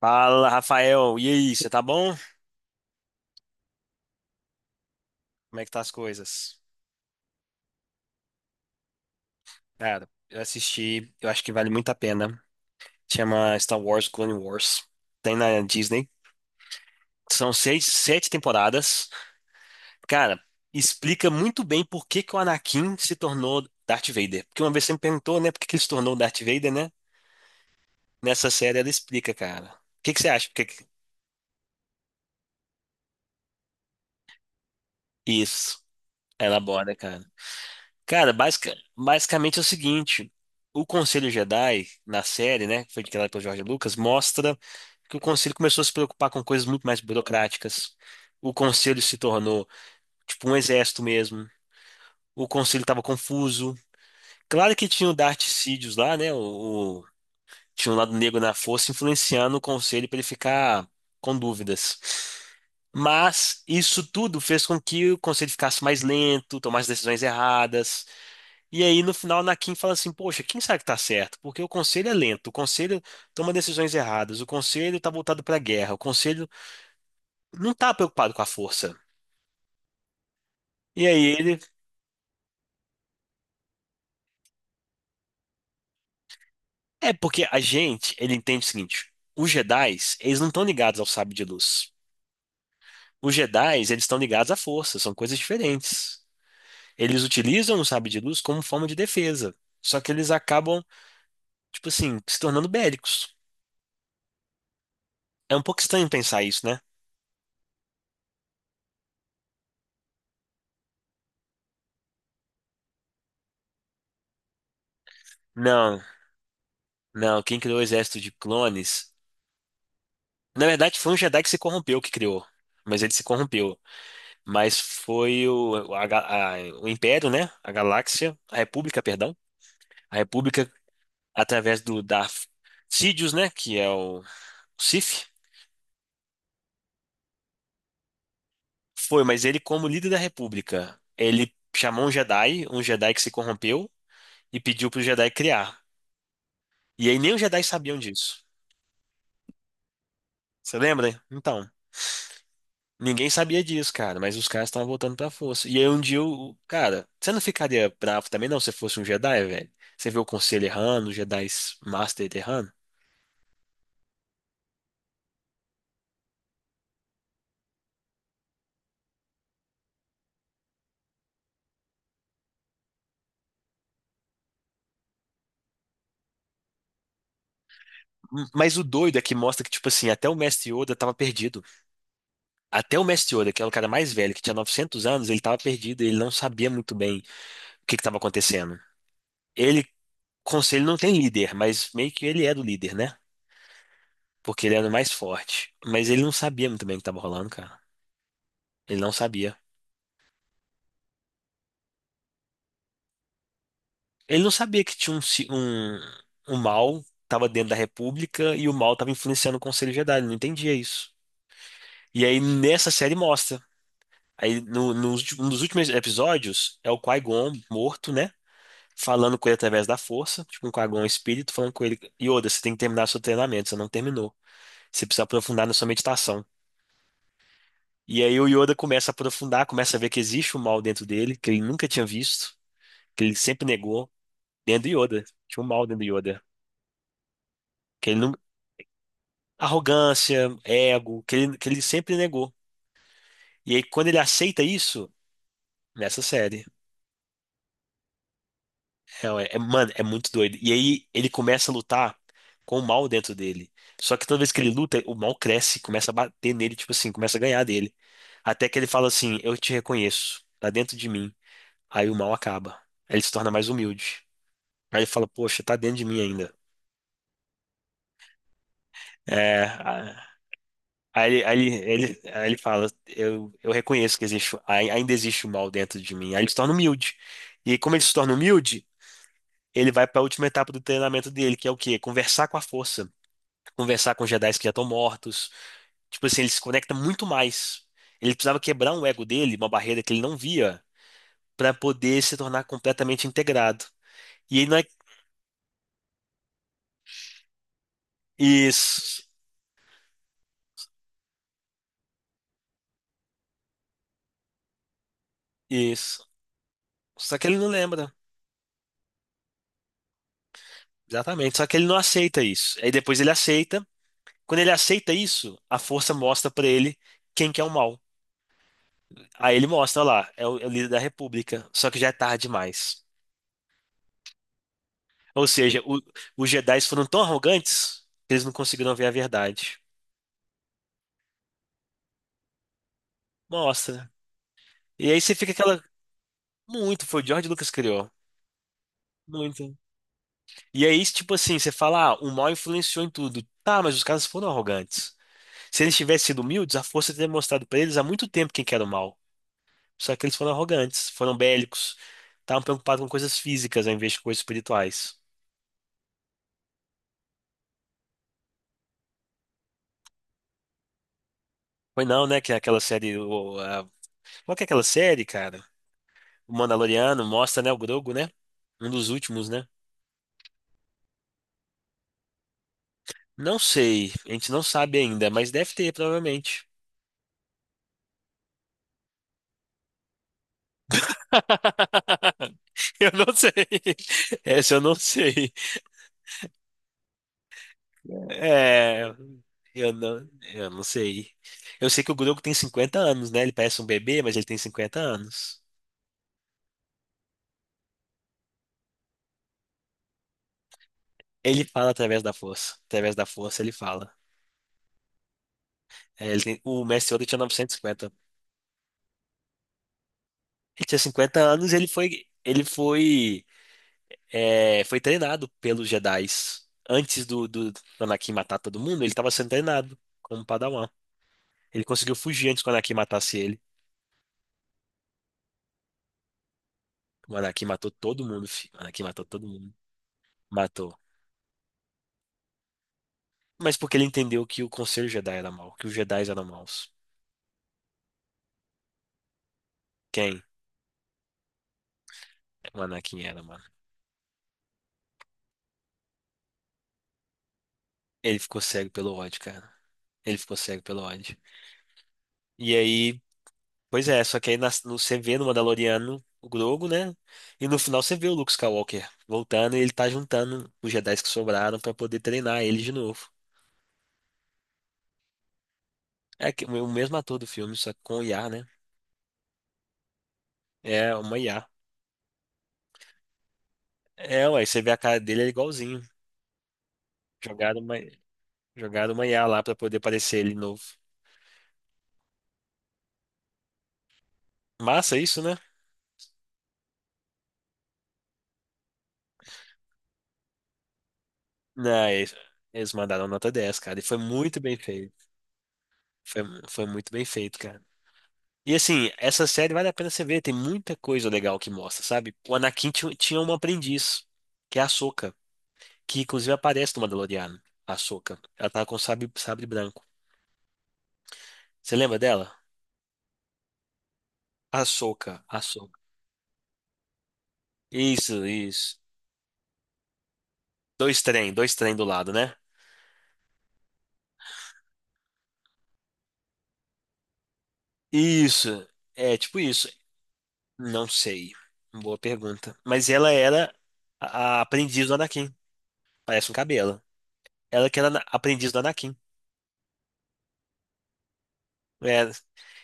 Fala, Rafael. E aí, você tá bom? Como é que tá as coisas? Cara, eu assisti, eu acho que vale muito a pena. Chama Star Wars Clone Wars. Tem na Disney. São 6, 7 temporadas. Cara, explica muito bem por que que o Anakin se tornou Darth Vader. Porque uma vez você me perguntou, né, por que que ele se tornou Darth Vader, né? Nessa série ela explica, cara. O que que você acha? Isso, ela aborda, cara. Cara, basicamente é o seguinte: o Conselho Jedi, na série, né, que foi criada pelo George Lucas, mostra que o Conselho começou a se preocupar com coisas muito mais burocráticas. O Conselho se tornou, tipo, um exército mesmo. O Conselho estava confuso. Claro que tinha o Darth Sidious lá, né? Tinha um lado negro na força influenciando o Conselho para ele ficar com dúvidas. Mas isso tudo fez com que o Conselho ficasse mais lento, tomasse decisões erradas. E aí, no final, na Kim fala assim: poxa, quem sabe que tá certo? Porque o conselho é lento, o conselho toma decisões erradas, o conselho tá voltado pra guerra, o conselho não tá preocupado com a força. E aí ele. É porque a gente, ele entende o seguinte: os Jedis, eles não estão ligados ao sábio de luz. Os Jedis, eles estão ligados à força, são coisas diferentes. Eles utilizam o sábio de luz como forma de defesa, só que eles acabam, tipo assim, se tornando bélicos. É um pouco estranho pensar isso, né? Não, não, quem criou o exército de clones. Na verdade, foi um Jedi que se corrompeu que criou. Mas ele se corrompeu. Mas foi a- o Império, né? A Galáxia, a República, perdão. A República, através do Darth Sidious, né? Que é o Sith. Foi, mas ele, como líder da República, ele chamou um Jedi que se corrompeu, e pediu pro Jedi criar. E aí nem os Jedi sabiam disso. Você lembra? Então. Ninguém sabia disso, cara, mas os caras estavam voltando pra força. E aí um dia, cara, você não ficaria bravo também, não, se fosse um Jedi, velho? Você vê o Conselho errando, os Jedi Master errando. Mas o doido é que mostra que, tipo assim, até o Mestre Yoda tava perdido. Até o Mestre Yoda, que era o cara mais velho, que tinha 900 anos, ele tava perdido, ele não sabia muito bem o que que tava acontecendo. Ele, Conselho não tem líder, mas meio que ele era o líder, né? Porque ele era o mais forte. Mas ele não sabia muito bem o que tava rolando, cara. Ele não sabia. Ele não sabia que tinha um mal, estava dentro da República, e o mal estava influenciando o Conselho Jedi, ele não entendia isso. E aí nessa série mostra. Aí no, nos ulti- Um dos últimos episódios é o Qui-Gon morto, né? Falando com ele através da força, tipo um Qui-Gon espírito falando com ele: Yoda, você tem que terminar seu treinamento, você não terminou. Você precisa aprofundar na sua meditação. E aí o Yoda começa a aprofundar, começa a ver que existe um mal dentro dele, que ele nunca tinha visto, que ele sempre negou, dentro do Yoda. Tinha um mal dentro do Yoda. Que ele não, arrogância, ego, que ele sempre negou. E aí, quando ele aceita isso, nessa série, é, mano, é muito doido. E aí, ele começa a lutar com o mal dentro dele. Só que toda vez que ele luta, o mal cresce, começa a bater nele, tipo assim, começa a ganhar dele. Até que ele fala assim: eu te reconheço, tá dentro de mim. Aí o mal acaba. Aí ele se torna mais humilde. Aí ele fala: poxa, tá dentro de mim ainda. É. Aí ele fala: eu reconheço que existe, ainda existe o mal dentro de mim. Aí ele se torna humilde. E como ele se torna humilde, ele vai para a última etapa do treinamento dele, que é o quê? Conversar com a força, conversar com Jedi que já estão mortos. Tipo assim, ele se conecta muito mais. Ele precisava quebrar um ego dele, uma barreira que ele não via, para poder se tornar completamente integrado. E ele não é... Isso, isso. Só que ele não lembra. Exatamente. Só que ele não aceita isso. Aí depois ele aceita. Quando ele aceita isso, a força mostra pra ele quem que é o mal. Aí ele mostra: olha lá, é o líder da República, só que já é tarde demais. Ou seja, os Jedi foram tão arrogantes que eles não conseguiram ver a verdade. Mostra. E aí você fica aquela. Muito, foi o George Lucas que criou. Muito. E aí, tipo assim, você fala: ah, o mal influenciou em tudo. Tá, mas os caras foram arrogantes. Se eles tivessem sido humildes, a força teria mostrado pra eles há muito tempo quem que era o mal. Só que eles foram arrogantes, foram bélicos, estavam preocupados com coisas físicas ao invés de coisas espirituais. Foi não, né? Que aquela série. Qual que é aquela série, cara? O Mandaloriano mostra, né? O Grogu, né? Um dos últimos, né? Não sei, a gente não sabe ainda, mas deve ter, provavelmente. Eu não sei. Essa eu não sei. É, eu não sei. Eu sei que o Grogu tem 50 anos, né? Ele parece um bebê, mas ele tem 50 anos. Ele fala através da força. Através da força ele fala. É, o mestre Yoda tinha 950. Ele tinha 50 anos, e ele foi treinado pelos Jedis. Antes do Anakin matar todo mundo, ele estava sendo treinado como Padawan. Ele conseguiu fugir antes que o Anakin matasse ele. O Anakin matou todo mundo, filho. O Anakin matou todo mundo. Matou. Mas porque ele entendeu que o Conselho Jedi era mau, que os Jedis eram maus. Quem? O Anakin era, mano. Ele ficou cego pelo ódio, cara. Ele ficou cego pelo ódio. E aí. Pois é, só que aí você vê no Mandaloriano o Grogu, né? E no final você vê o Luke Skywalker voltando e ele tá juntando os Jedi que sobraram pra poder treinar ele de novo. O mesmo ator do filme, só que com IA, né? É uma IA. É, ué, você vê a cara dele, é igualzinho. Jogaram uma, jogaram uma IA lá pra poder aparecer ele novo. Massa isso, né? Não, eles mandaram nota 10, cara. E foi muito bem feito. Foi, foi muito bem feito, cara. E assim, essa série vale a pena você ver, tem muita coisa legal que mostra, sabe? O Anakin tinha uma aprendiz, que é a Ahsoka, que inclusive aparece no Mandaloriano, a Ahsoka. Ela tá com sabre branco. Você lembra dela? Ahsoka, Ahsoka. Isso, isso. Dois trem do lado, né? Isso, é tipo isso. Não sei. Boa pergunta. Mas ela era a aprendiz do Anakin. Parece um cabelo. Ela que era aprendiz do Anakin. É.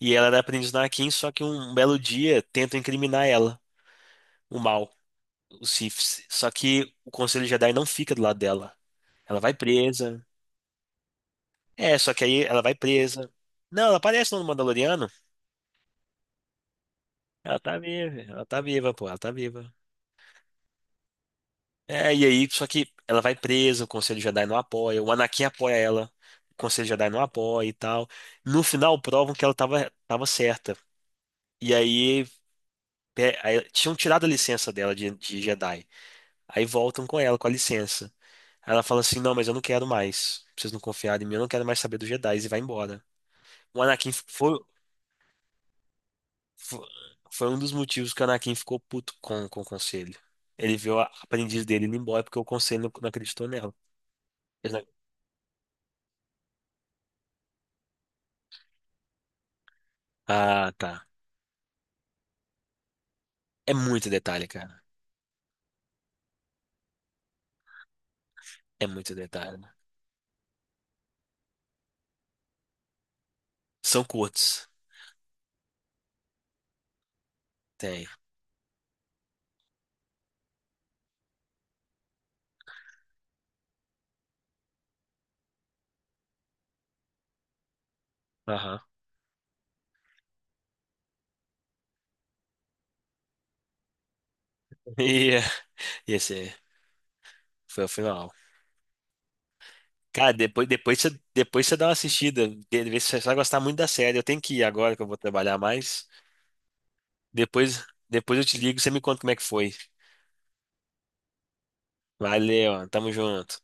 E ela era aprendiz do Anakin, só que um belo dia tentam incriminar ela, o mal, os Siths. Só que o Conselho Jedi não fica do lado dela. Ela vai presa. É, só que aí ela vai presa. Não, ela aparece no Mandaloriano. Ela tá viva, pô, ela tá viva. É, e aí, só que ela vai presa, o Conselho Jedi não apoia, o Anakin apoia ela, o Conselho Jedi não apoia e tal. No final, provam que ela tava certa. E aí, aí tinham tirado a licença dela de Jedi. Aí voltam com ela, com a licença. Aí ela fala assim: não, mas eu não quero mais. Vocês não confiaram em mim, eu não quero mais saber dos Jedi. E vai embora. O Anakin foi, foi um dos motivos que o Anakin ficou puto com o conselho. Ele viu a aprendiz dele indo embora porque o conselho não acreditou nela. Eles não- Ah, tá. É muito detalhe, cara. É muito detalhe. São curtos. Tem. Aham. E, e esse foi o final. Cara, depois você dá uma assistida, vê se você vai gostar muito da série. Eu tenho que ir agora que eu vou trabalhar mais. Depois, eu te ligo e você me conta como é que foi. Valeu, tamo junto.